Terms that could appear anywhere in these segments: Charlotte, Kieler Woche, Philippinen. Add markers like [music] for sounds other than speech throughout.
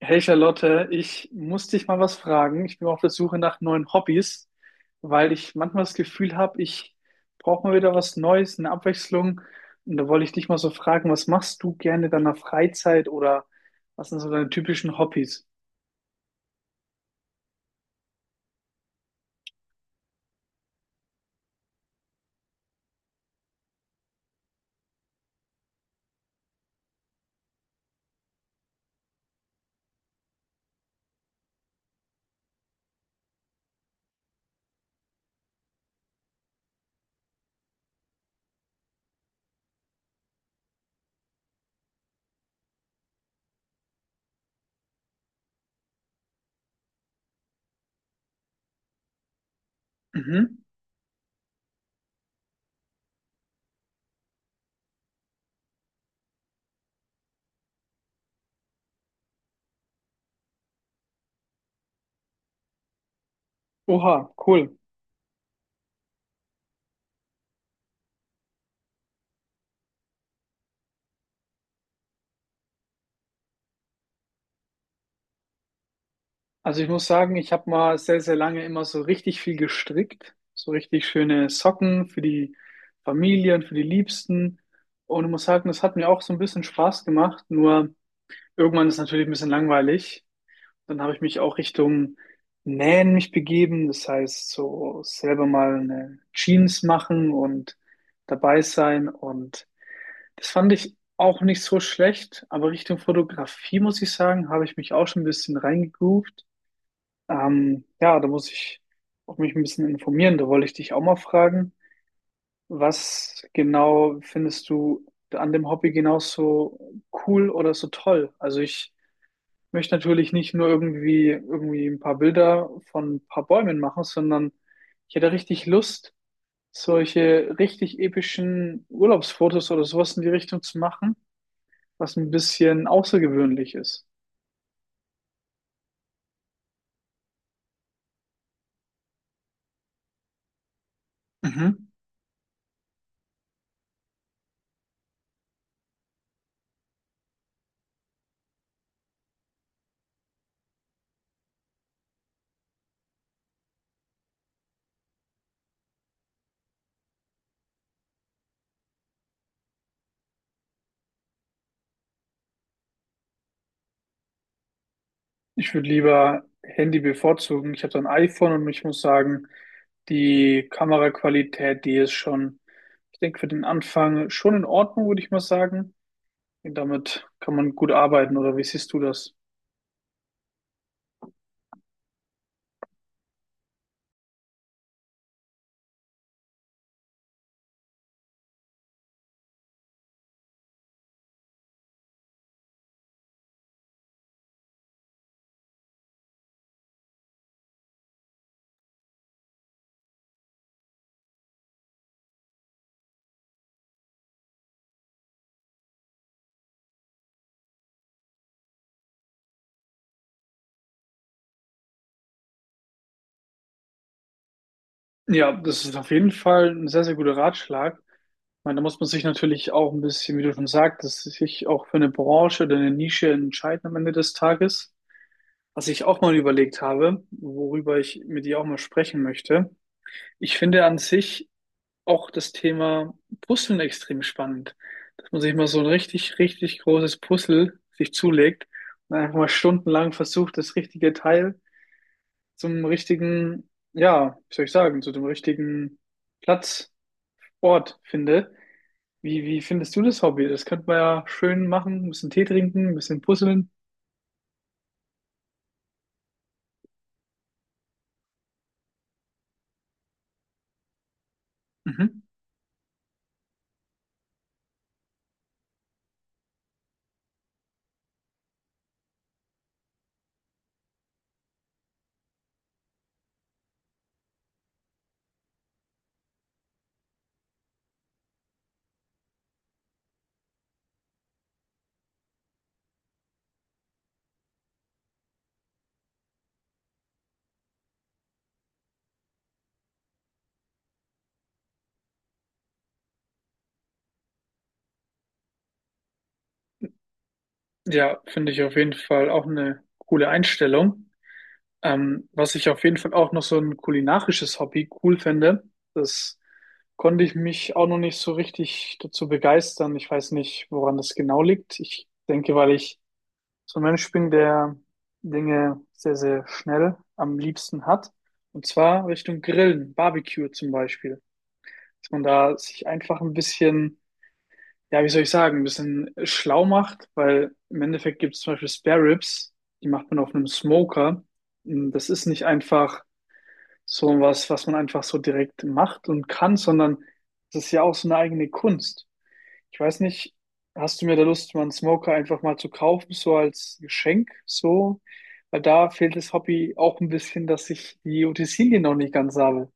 Hey Charlotte, ich muss dich mal was fragen. Ich bin auf der Suche nach neuen Hobbys, weil ich manchmal das Gefühl habe, ich brauche mal wieder was Neues, eine Abwechslung. Und da wollte ich dich mal so fragen, was machst du gerne in deiner Freizeit oder was sind so deine typischen Hobbys? Mhm. Oha, cool. Also ich muss sagen, ich habe mal sehr, sehr lange immer so richtig viel gestrickt. So richtig schöne Socken für die Familie und für die Liebsten. Und ich muss sagen, das hat mir auch so ein bisschen Spaß gemacht. Nur irgendwann ist natürlich ein bisschen langweilig. Dann habe ich mich auch Richtung Nähen mich begeben. Das heißt, so selber mal eine Jeans machen und dabei sein. Und das fand ich auch nicht so schlecht. Aber Richtung Fotografie, muss ich sagen, habe ich mich auch schon ein bisschen reingegroovt. Ja, da muss ich auch mich ein bisschen informieren. Da wollte ich dich auch mal fragen, was genau findest du an dem Hobby genauso cool oder so toll? Also ich möchte natürlich nicht nur irgendwie ein paar Bilder von ein paar Bäumen machen, sondern ich hätte richtig Lust, solche richtig epischen Urlaubsfotos oder sowas in die Richtung zu machen, was ein bisschen außergewöhnlich ist. Mhm. Ich würde lieber Handy bevorzugen. Ich habe so ein iPhone und ich muss sagen, die Kameraqualität, die ist schon, ich denke, für den Anfang schon in Ordnung, würde ich mal sagen. Und damit kann man gut arbeiten, oder wie siehst du das? Ja, das ist auf jeden Fall ein sehr, sehr guter Ratschlag. Ich meine, da muss man sich natürlich auch ein bisschen, wie du schon sagtest, sich auch für eine Branche oder eine Nische entscheiden am Ende des Tages. Was ich auch mal überlegt habe, worüber ich mit dir auch mal sprechen möchte. Ich finde an sich auch das Thema Puzzeln extrem spannend. Dass man sich mal so ein richtig, richtig großes Puzzle sich zulegt und einfach mal stundenlang versucht, das richtige Teil zum richtigen, ja, wie soll ich sagen, zu dem richtigen Platz ort finde. Wie findest du das Hobby? Das könnte man ja schön machen, ein bisschen Tee trinken, ein bisschen puzzeln. Mhm. Ja, finde ich auf jeden Fall auch eine coole Einstellung. Was ich auf jeden Fall auch noch so ein kulinarisches Hobby cool fände, das konnte ich mich auch noch nicht so richtig dazu begeistern. Ich weiß nicht, woran das genau liegt. Ich denke, weil ich so ein Mensch bin, der Dinge sehr, sehr schnell am liebsten hat. Und zwar Richtung Grillen, Barbecue zum Beispiel. Dass man da sich einfach ein bisschen, ja, wie soll ich sagen, ein bisschen schlau macht, weil im Endeffekt gibt es zum Beispiel Spare Ribs, die macht man auf einem Smoker. Und das ist nicht einfach so was, was man einfach so direkt macht und kann, sondern das ist ja auch so eine eigene Kunst. Ich weiß nicht, hast du mir da Lust, mal einen Smoker einfach mal zu kaufen, so als Geschenk, so? Weil da fehlt das Hobby auch ein bisschen, dass ich die Utensilien noch nicht ganz habe.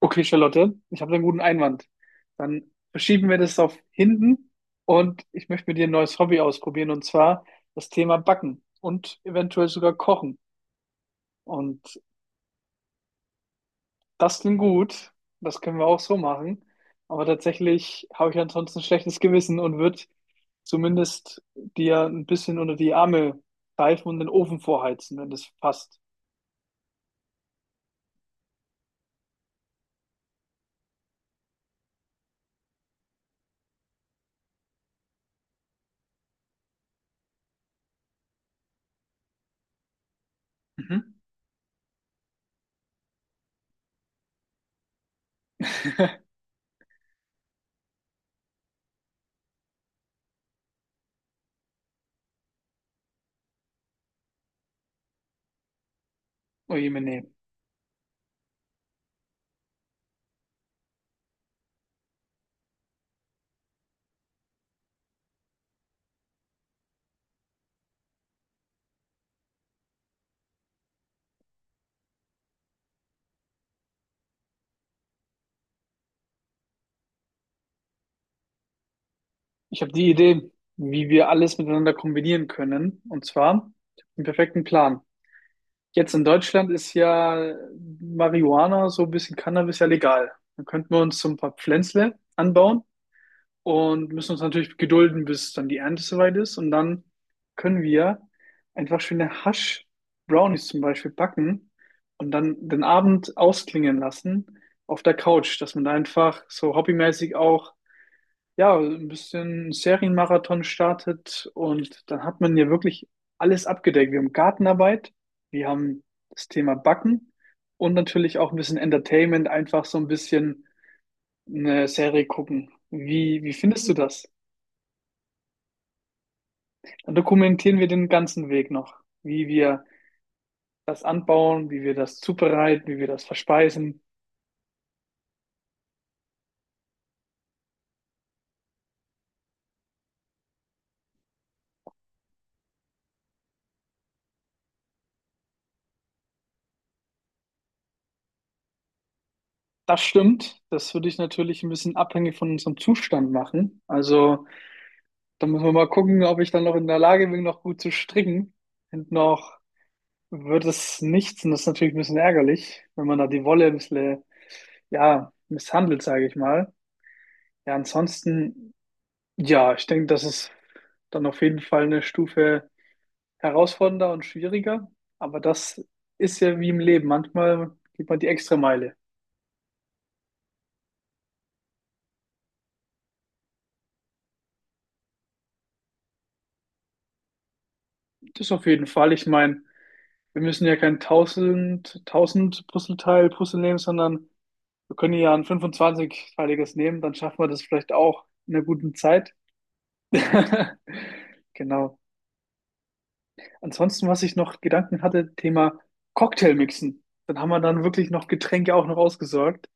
Okay, Charlotte, ich habe einen guten Einwand. Dann verschieben wir das auf hinten und ich möchte mit dir ein neues Hobby ausprobieren und zwar das Thema Backen und eventuell sogar Kochen. Und das klingt gut, das können wir auch so machen, aber tatsächlich habe ich ansonsten ein schlechtes Gewissen und würde zumindest dir ein bisschen unter die Arme greifen und den Ofen vorheizen, wenn das passt. Mhm. [laughs] Oh je, meine. Ich habe die Idee, wie wir alles miteinander kombinieren können. Und zwar einen perfekten Plan. Jetzt in Deutschland ist ja Marihuana, so ein bisschen Cannabis ja legal. Dann könnten wir uns so ein paar Pflänzle anbauen und müssen uns natürlich gedulden, bis dann die Ernte soweit ist. Und dann können wir einfach schöne Hasch-Brownies zum Beispiel backen und dann den Abend ausklingen lassen auf der Couch, dass man da einfach so hobbymäßig auch ja, ein bisschen Serienmarathon startet und dann hat man ja wirklich alles abgedeckt. Wir haben Gartenarbeit, wir haben das Thema Backen und natürlich auch ein bisschen Entertainment, einfach so ein bisschen eine Serie gucken. Wie findest du das? Dann dokumentieren wir den ganzen Weg noch, wie wir das anbauen, wie wir das zubereiten, wie wir das verspeisen. Das stimmt. Das würde ich natürlich ein bisschen abhängig von unserem Zustand machen. Also da müssen wir mal gucken, ob ich dann noch in der Lage bin, noch gut zu stricken. Und noch wird es nichts. Und das ist natürlich ein bisschen ärgerlich, wenn man da die Wolle ein bisschen, ja, misshandelt, sage ich mal. Ja, ansonsten, ja, ich denke, das ist dann auf jeden Fall eine Stufe herausfordernder und schwieriger. Aber das ist ja wie im Leben. Manchmal geht man die extra Meile. Das auf jeden Fall. Ich meine, wir müssen ja kein tausend Puzzleteil puzzeln nehmen, sondern wir können ja ein 25-teiliges nehmen, dann schaffen wir das vielleicht auch in einer guten Zeit. [laughs] Genau. Ansonsten, was ich noch Gedanken hatte, Thema Cocktailmixen. Dann haben wir dann wirklich noch Getränke auch noch ausgesorgt.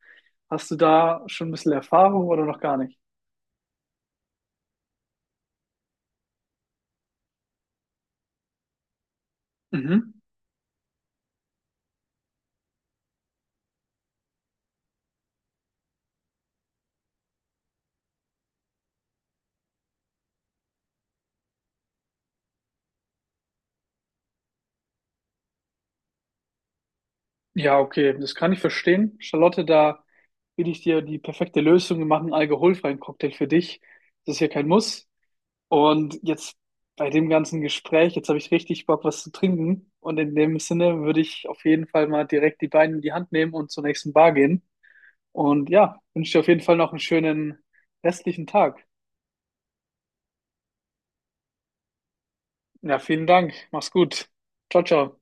Hast du da schon ein bisschen Erfahrung oder noch gar nicht? Mhm. Ja, okay, das kann ich verstehen. Charlotte, da will ich dir die perfekte Lösung. Wir machen einen alkoholfreien Cocktail für dich. Das ist ja kein Muss. Und jetzt bei dem ganzen Gespräch, jetzt habe ich richtig Bock, was zu trinken. Und in dem Sinne würde ich auf jeden Fall mal direkt die Beine in die Hand nehmen und zur nächsten Bar gehen. Und ja, wünsche dir auf jeden Fall noch einen schönen restlichen Tag. Ja, vielen Dank. Mach's gut. Ciao, ciao.